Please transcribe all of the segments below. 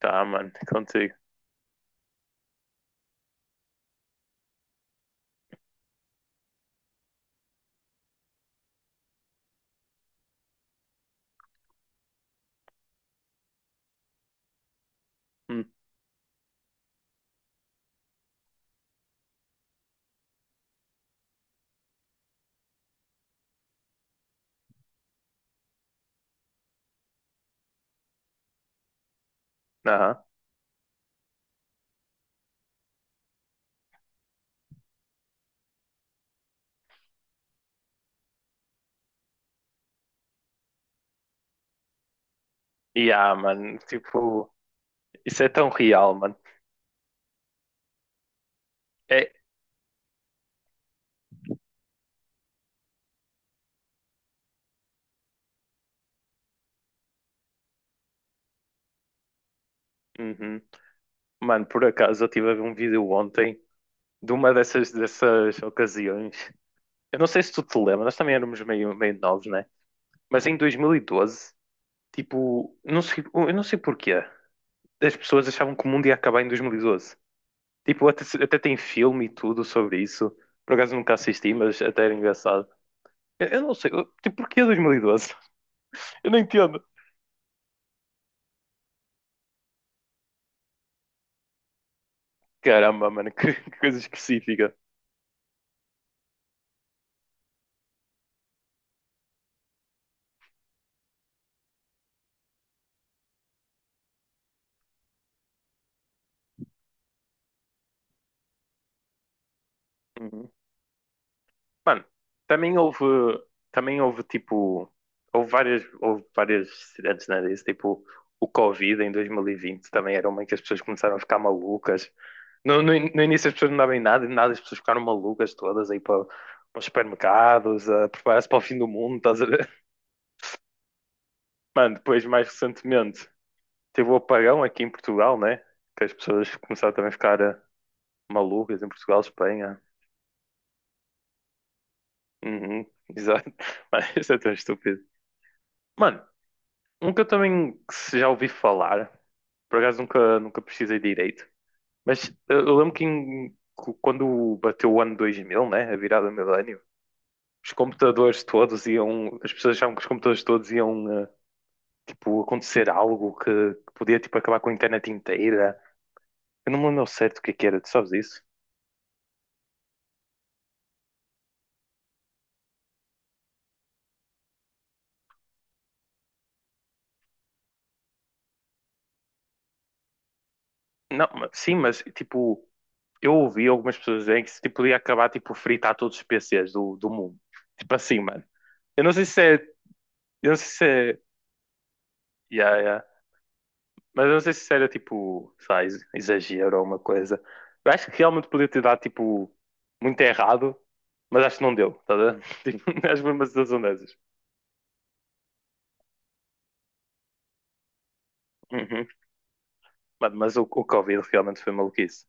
Tá, mano, contigo. Hum. Aham. E mano, tipo, isso é tão real, mano. É. Uhum. Mano, por acaso eu tive a ver um vídeo ontem de uma dessas ocasiões. Eu não sei se tu te lembras, nós também éramos meio novos, né? Mas em 2012 tipo, não sei, eu não sei porquê, as pessoas achavam que o mundo ia acabar em 2012. Tipo, até tem filme e tudo sobre isso. Por acaso nunca assisti, mas até era engraçado. Eu não sei, eu, tipo, porquê 2012. Eu não entendo. Caramba, mano, que coisa específica. Uhum. Mano, também houve, também houve tipo, houve várias cidades, né, disso, tipo, o Covid em 2020 também era uma em que as pessoas começaram a ficar malucas. No início as pessoas não davam em nada as pessoas ficaram malucas todas aí para, para os supermercados, a preparar-se para o fim do mundo, estás a ver? Mano, depois mais recentemente, teve o apagão aqui em Portugal, né? Que as pessoas começaram também a ficar malucas em Portugal, Espanha. Uhum, exato. Mas isso é tão estúpido. Mano, um que eu também que se já ouvi falar, por acaso nunca precisei direito, mas eu lembro que quando bateu o ano 2000, né? A virada do milénio, os computadores todos iam. As pessoas achavam que os computadores todos iam, tipo, acontecer algo que podia, tipo, acabar com a internet inteira. Eu não me lembro certo o que é que era, tu sabes isso? Não, sim, mas tipo, eu ouvi algumas pessoas dizerem que se tipo, podia acabar tipo fritar todos os PCs do mundo. Tipo assim, mano. Eu não sei se é, eu não sei se é, yeah, yeah. Mas eu não sei se era tipo, sei lá, exagero ou uma coisa. Eu acho que realmente podia ter dado tipo muito errado, mas acho que não deu, tá a ver? Tipo, acho que foi uma situação dessas. Uhum. Mano, mas o Covid realmente foi maluquice.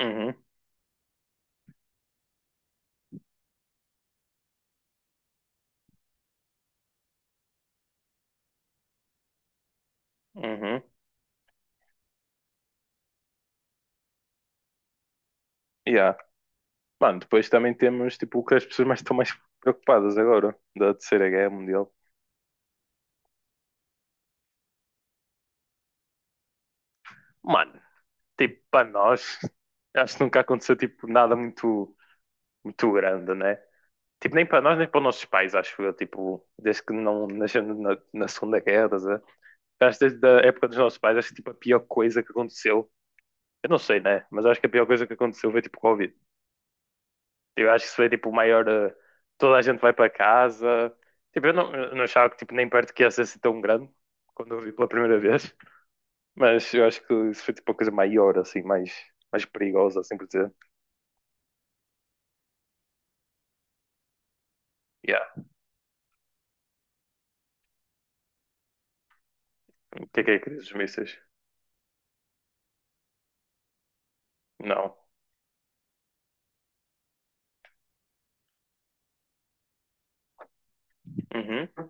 Uhum, uhum, yeah. Mano, depois também temos tipo o que as pessoas mais estão mais preocupadas agora, da Terceira Guerra Mundial. Mano, tipo, para nós, acho que nunca aconteceu tipo nada muito, muito grande, né? Tipo, nem para nós, nem para os nossos pais, acho eu, tipo, desde que não nascemos na Segunda Guerra, estás a ver? Acho que desde a época dos nossos pais, acho que tipo a pior coisa que aconteceu, eu não sei, né? Mas acho que a pior coisa que aconteceu foi tipo Covid. Eu acho que isso foi tipo o maior. Toda a gente vai para casa. Tipo, eu não achava que tipo, nem perto que ia ser assim tão grande quando eu vi pela primeira vez. Mas eu acho que isso foi tipo a coisa maior, assim, mais perigosa, assim por dizer. Yeah. O que é a crise dos mísseis? Não. Uhum.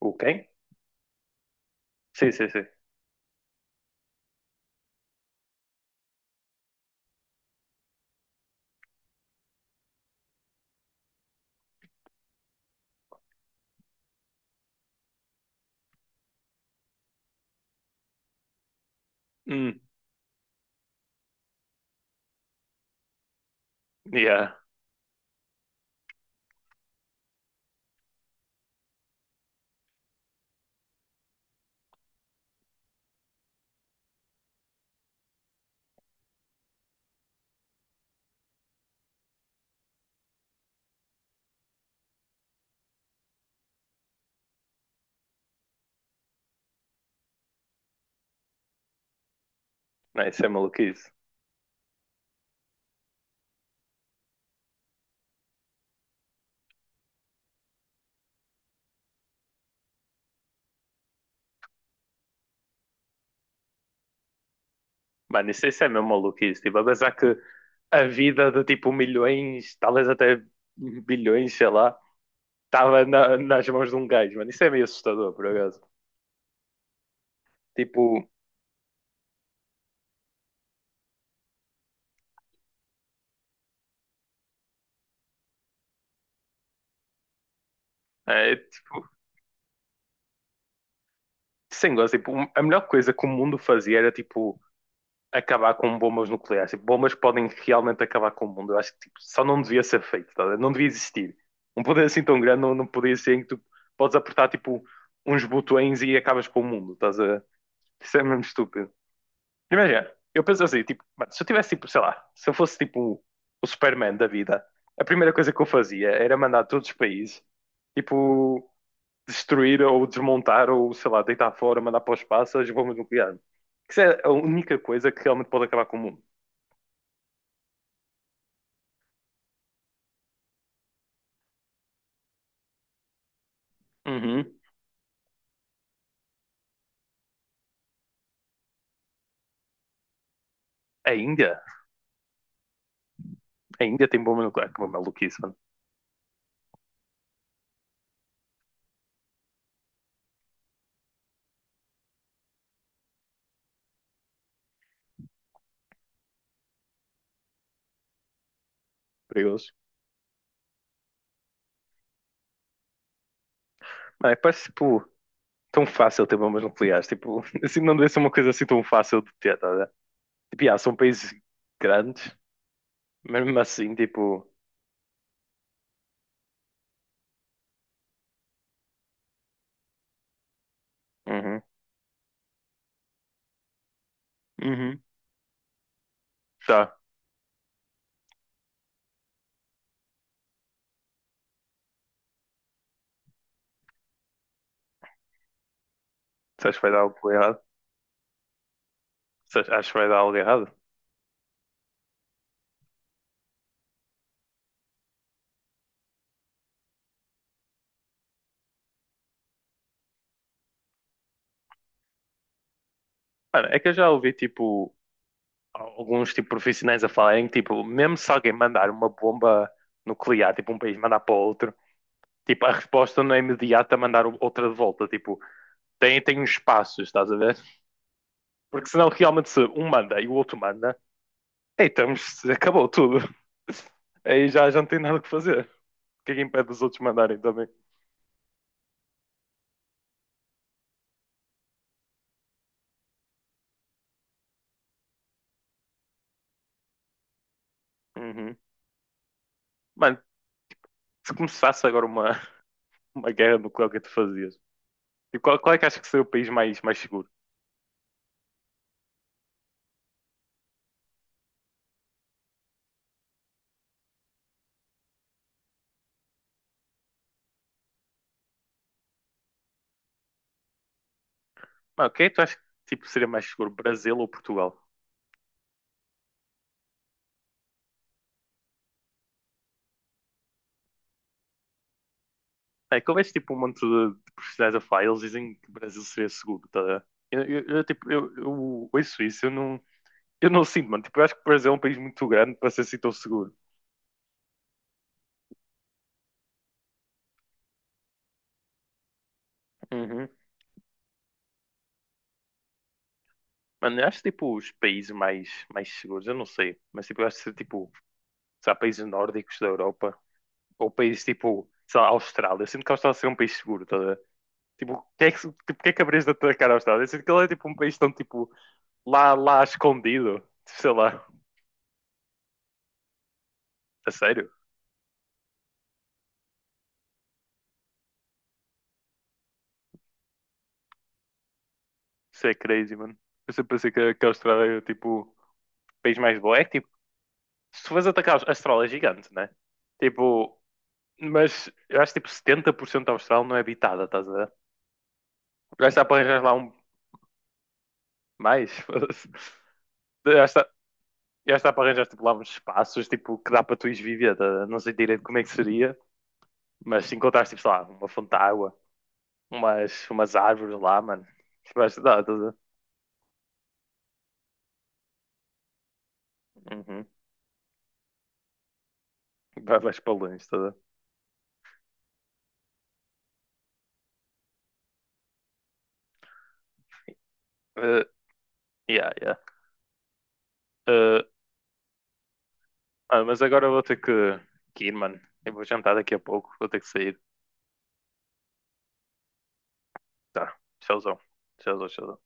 O quem? Sim, sim, sim. Hum. Yeah. Não, isso é maluquice. Mano, isso é mesmo maluquice. Tipo, a pensar que a vida de tipo milhões, talvez até bilhões, sei lá, estava nas mãos de um gajo, mano. Isso é meio assustador, por acaso. Tipo, é, tipo, sem gosto, tipo, um, a melhor coisa que o mundo fazia era tipo acabar com bombas nucleares. Tipo, bombas podem realmente acabar com o mundo. Eu acho que tipo, só não devia ser feito, tá a ver? Não devia existir. Um poder assim tão grande não podia ser em que tu podes apertar tipo uns botões e acabas com o mundo. Estás a... Isso é mesmo estúpido. Imagina, eu penso assim, tipo, mano, se eu tivesse tipo, sei lá, se eu fosse tipo o Superman da vida, a primeira coisa que eu fazia era mandar todos os países, tipo, destruir ou desmontar ou, sei lá, deitar fora, mandar para o espaço as bombas nucleares. Isso é a única coisa que realmente pode acabar com o mundo. Uhum. A Índia? A Índia tem bomba nuclear. Que bomba maluquice, mano. Perigoso. Mano, é, parece, tipo, tão fácil ter bombas nucleares. Tipo, assim, não deve ser uma coisa assim tão fácil de ter, tá a ver? Tipo, yeah, são países grandes, mas mesmo assim, tipo... Uhum. Uhum. Tá. Você acha que vai dar algo errado? Você acha que vai dar algo errado? Mano, é que eu já ouvi, tipo, alguns tipo profissionais a falarem que tipo, mesmo se alguém mandar uma bomba nuclear, tipo um país mandar para outro, tipo a resposta não é imediata a mandar outra de volta, tipo, tem uns espaços, estás a ver? Porque senão realmente se um manda e o outro manda, aí estamos, acabou tudo. Aí já, já não tem nada que fazer. O que é que impede os outros mandarem também? Uhum. Mano, se começasse agora uma guerra nuclear, o que é que tu fazias? E qual é que achas que seria o país mais seguro? Mano, o que é que tu achas que tipo, seria mais seguro? Brasil ou Portugal? É que houvesse tipo um monte de personagens a falar, eles dizem que o Brasil seria seguro, tá a ver? Eu, tipo, eu ouço isso, eu não sinto, mano. Tipo, eu acho que o Brasil é um país muito grande para ser assim tão seguro. Uhum. Mano, eu acho tipo os países mais seguros, eu não sei, mas tipo, eu acho que tipo, sei lá, países nórdicos da Europa, ou países tipo, sei lá, Austrália. Eu sinto que a Austrália seria um país seguro, tá a ver? Tipo, o que é que, tipo, o que é que haverias de atacar a Austrália? Eu sinto que ele é tipo um país tão tipo, lá escondido, sei lá, a sério. Isso é crazy, mano. Eu sempre pensei que a Austrália era tipo o país mais bom. É que tipo, se tu fores atacar a Austrália é gigante, né? Tipo, mas eu acho que tipo 70% da Austrália não é habitada, estás a ver? Eu acho que dá para arranjar lá um mais. Foda-se. Eu acho que dá- eu acho que dá para arranjar tipo, lá uns espaços tipo, que dá para tu ires viver. Estás a ver? Não sei direito como é que seria, mas se encontrares tipo, sei lá, uma fonte de água, umas árvores lá, mano. Vais, dá, estás a ver? Uhum. Vais para longe, estás a ver? Eh, yeah, yeah. Eh, Ah, mas agora eu vou ter que ir, mano. Eu vou jantar daqui a pouco, vou ter que sair. Tá, tchauzão. Tchauzão, tchauzão.